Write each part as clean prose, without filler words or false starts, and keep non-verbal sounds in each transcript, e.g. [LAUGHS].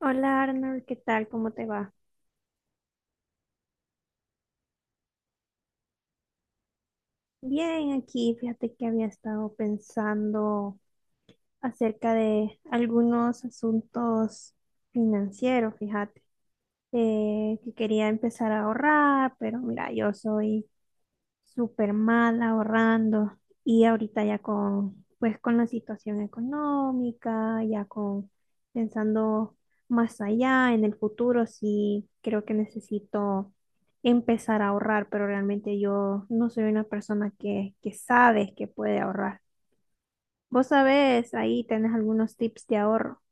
Hola Arnold, ¿qué tal? ¿Cómo te va? Bien, aquí fíjate que había estado pensando acerca de algunos asuntos financieros, fíjate, que quería empezar a ahorrar, pero mira, yo soy súper mal ahorrando y ahorita ya con, pues con la situación económica, ya con pensando más allá en el futuro, sí creo que necesito empezar a ahorrar, pero realmente yo no soy una persona que sabe que puede ahorrar. Vos sabés, ahí tenés algunos tips de ahorro.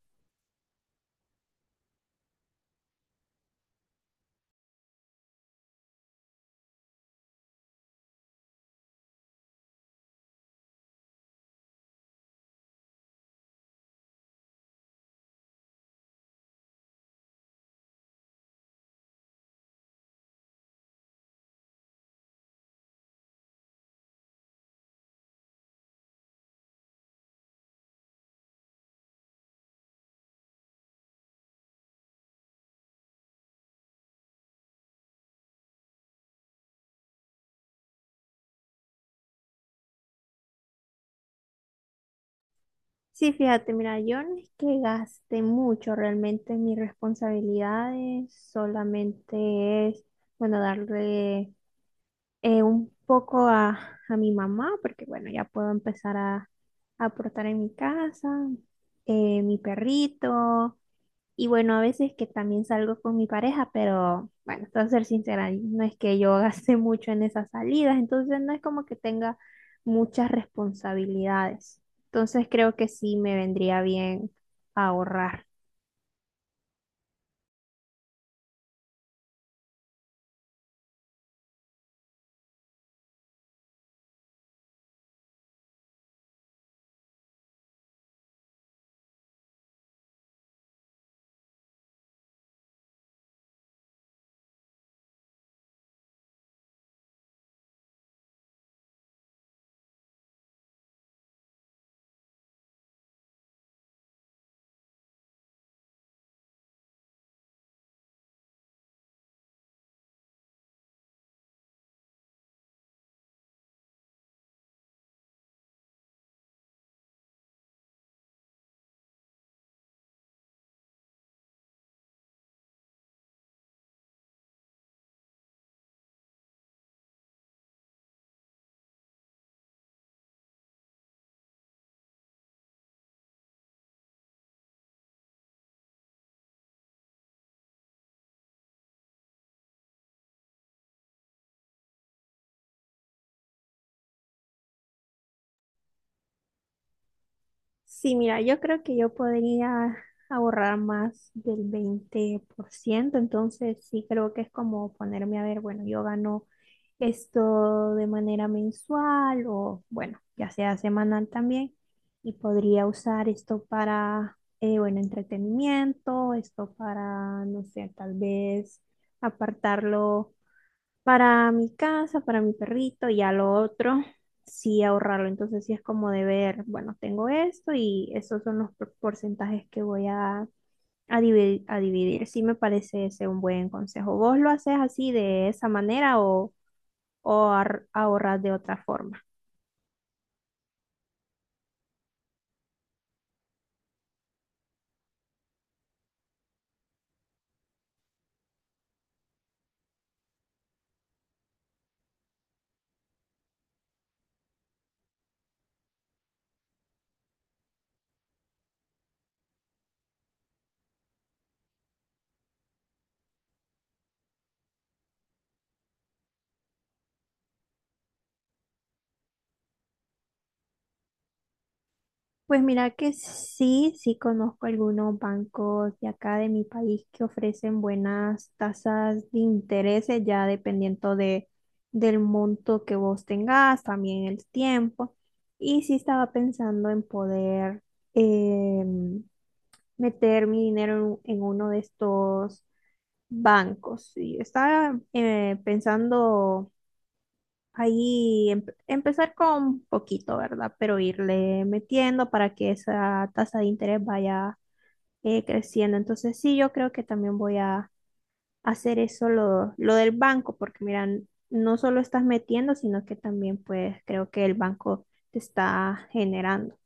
Sí, fíjate, mira, yo no es que gaste mucho realmente en mis responsabilidades, solamente es, bueno, darle un poco a mi mamá, porque bueno, ya puedo empezar a aportar en mi casa, mi perrito. Y bueno, a veces que también salgo con mi pareja, pero bueno, para ser sincera, no es que yo [LAUGHS] gaste mucho en esas salidas, entonces no es como que tenga muchas responsabilidades. Entonces creo que sí me vendría bien ahorrar. Sí, mira, yo creo que yo podría ahorrar más del 20%, entonces sí creo que es como ponerme a ver, bueno, yo gano esto de manera mensual o bueno, ya sea semanal también. Y podría usar esto para, bueno, entretenimiento, esto para, no sé, tal vez apartarlo para mi casa, para mi perrito y a lo otro, sí ahorrarlo. Entonces sí es como de ver, bueno, tengo esto y estos son los porcentajes que voy a dividir, a dividir. Sí me parece ese un buen consejo. ¿Vos lo haces así de esa manera o ahorrar de otra forma? Pues mira que sí, sí conozco algunos bancos de acá de mi país que ofrecen buenas tasas de intereses, ya dependiendo de, del monto que vos tengas, también el tiempo. Y sí estaba pensando en poder em, meter mi dinero en uno de estos bancos. Y estaba pensando ahí empezar con poquito, ¿verdad? Pero irle metiendo para que esa tasa de interés vaya creciendo. Entonces sí, yo creo que también voy a hacer eso lo del banco, porque mira, no solo estás metiendo, sino que también pues creo que el banco te está generando.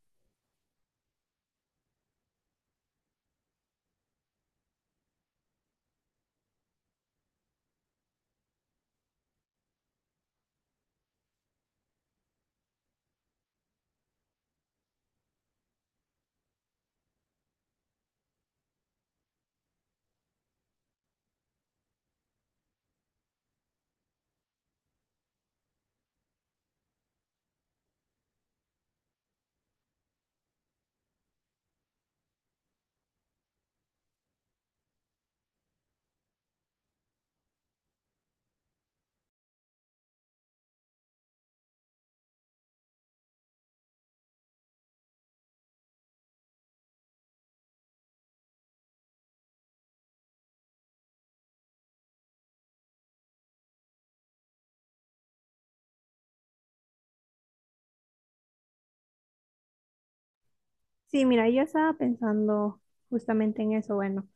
Sí, mira, yo estaba pensando justamente en eso. Bueno,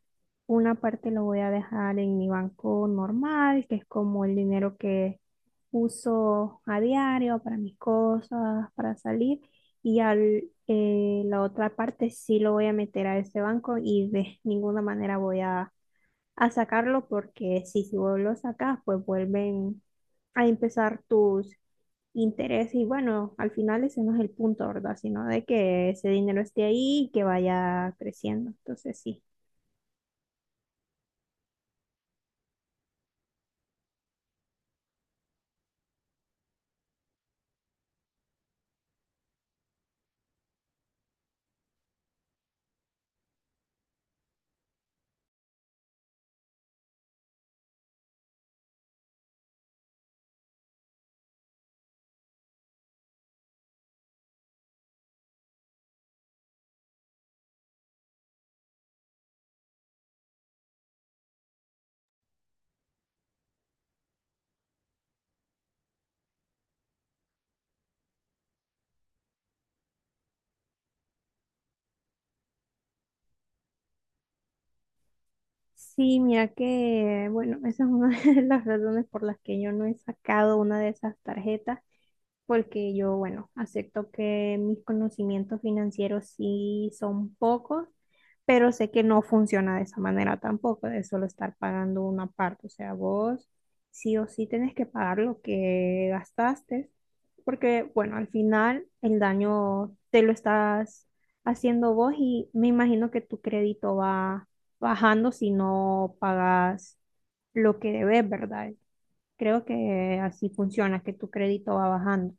una parte lo voy a dejar en mi banco normal, que es como el dinero que uso a diario para mis cosas, para salir, y al, la otra parte sí lo voy a meter a ese banco y de ninguna manera voy a sacarlo porque si vos lo sacas, pues vuelven a empezar tus intereses y bueno, al final ese no es el punto, ¿verdad? Sino de que ese dinero esté ahí y que vaya creciendo. Entonces sí. Sí, mira que, bueno, [LAUGHS] esa es una [LAUGHS] de las razones por las que yo no he sacado una de esas tarjetas porque yo, bueno, acepto que mis conocimientos financieros sí son pocos, pero sé que no funciona de esa manera tampoco, de solo estar pagando una parte. O sea, vos sí o sí tenés que pagar lo que gastaste, porque, bueno, al final el daño te lo estás haciendo vos y me imagino que tu crédito va bajando si no pagas lo que debes, ¿verdad? Creo que así funciona, que tu crédito va bajando.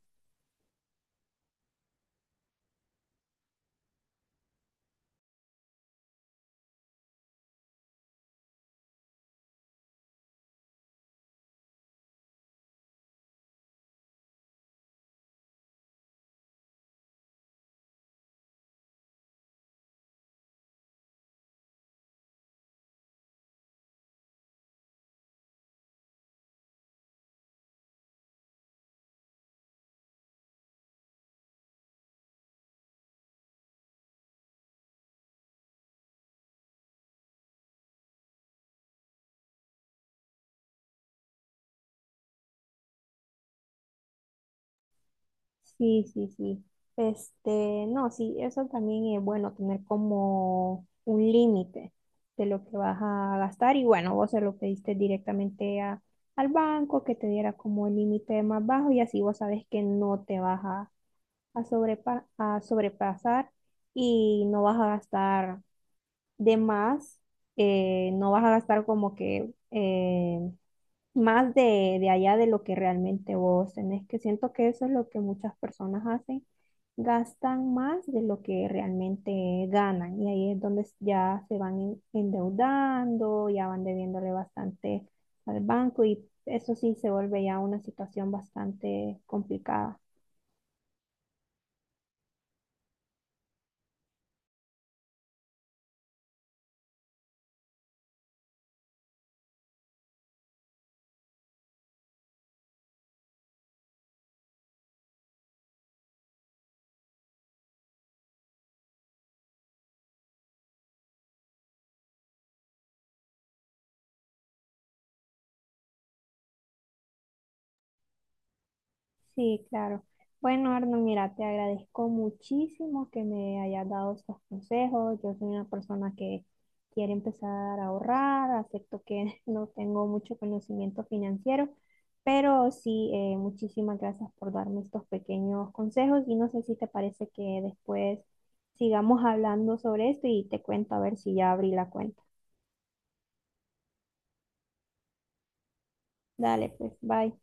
Sí, sí, sí. Este, no, sí, eso también es bueno tener como un límite de lo que vas a gastar y bueno, vos se lo pediste directamente a- al banco que te diera como el límite más bajo y así vos sabes que no te vas a, a sobrepasar y no vas a gastar de más, no vas a gastar como que más de allá de lo que realmente vos tenés, que siento que eso es lo que muchas personas hacen, gastan más de lo que realmente ganan y ahí es donde ya se van endeudando, ya van debiéndole bastante al banco y eso sí se vuelve ya una situación bastante complicada. Sí, claro. Bueno, Arno, mira, te agradezco muchísimo que me hayas dado estos consejos. Yo soy una persona que quiere empezar a ahorrar, acepto que [LAUGHS] no tengo mucho conocimiento financiero, pero sí, muchísimas gracias por darme estos pequeños consejos y no sé si te parece que después sigamos hablando sobre esto y te cuento a ver si ya abrí la cuenta. Dale, pues, bye.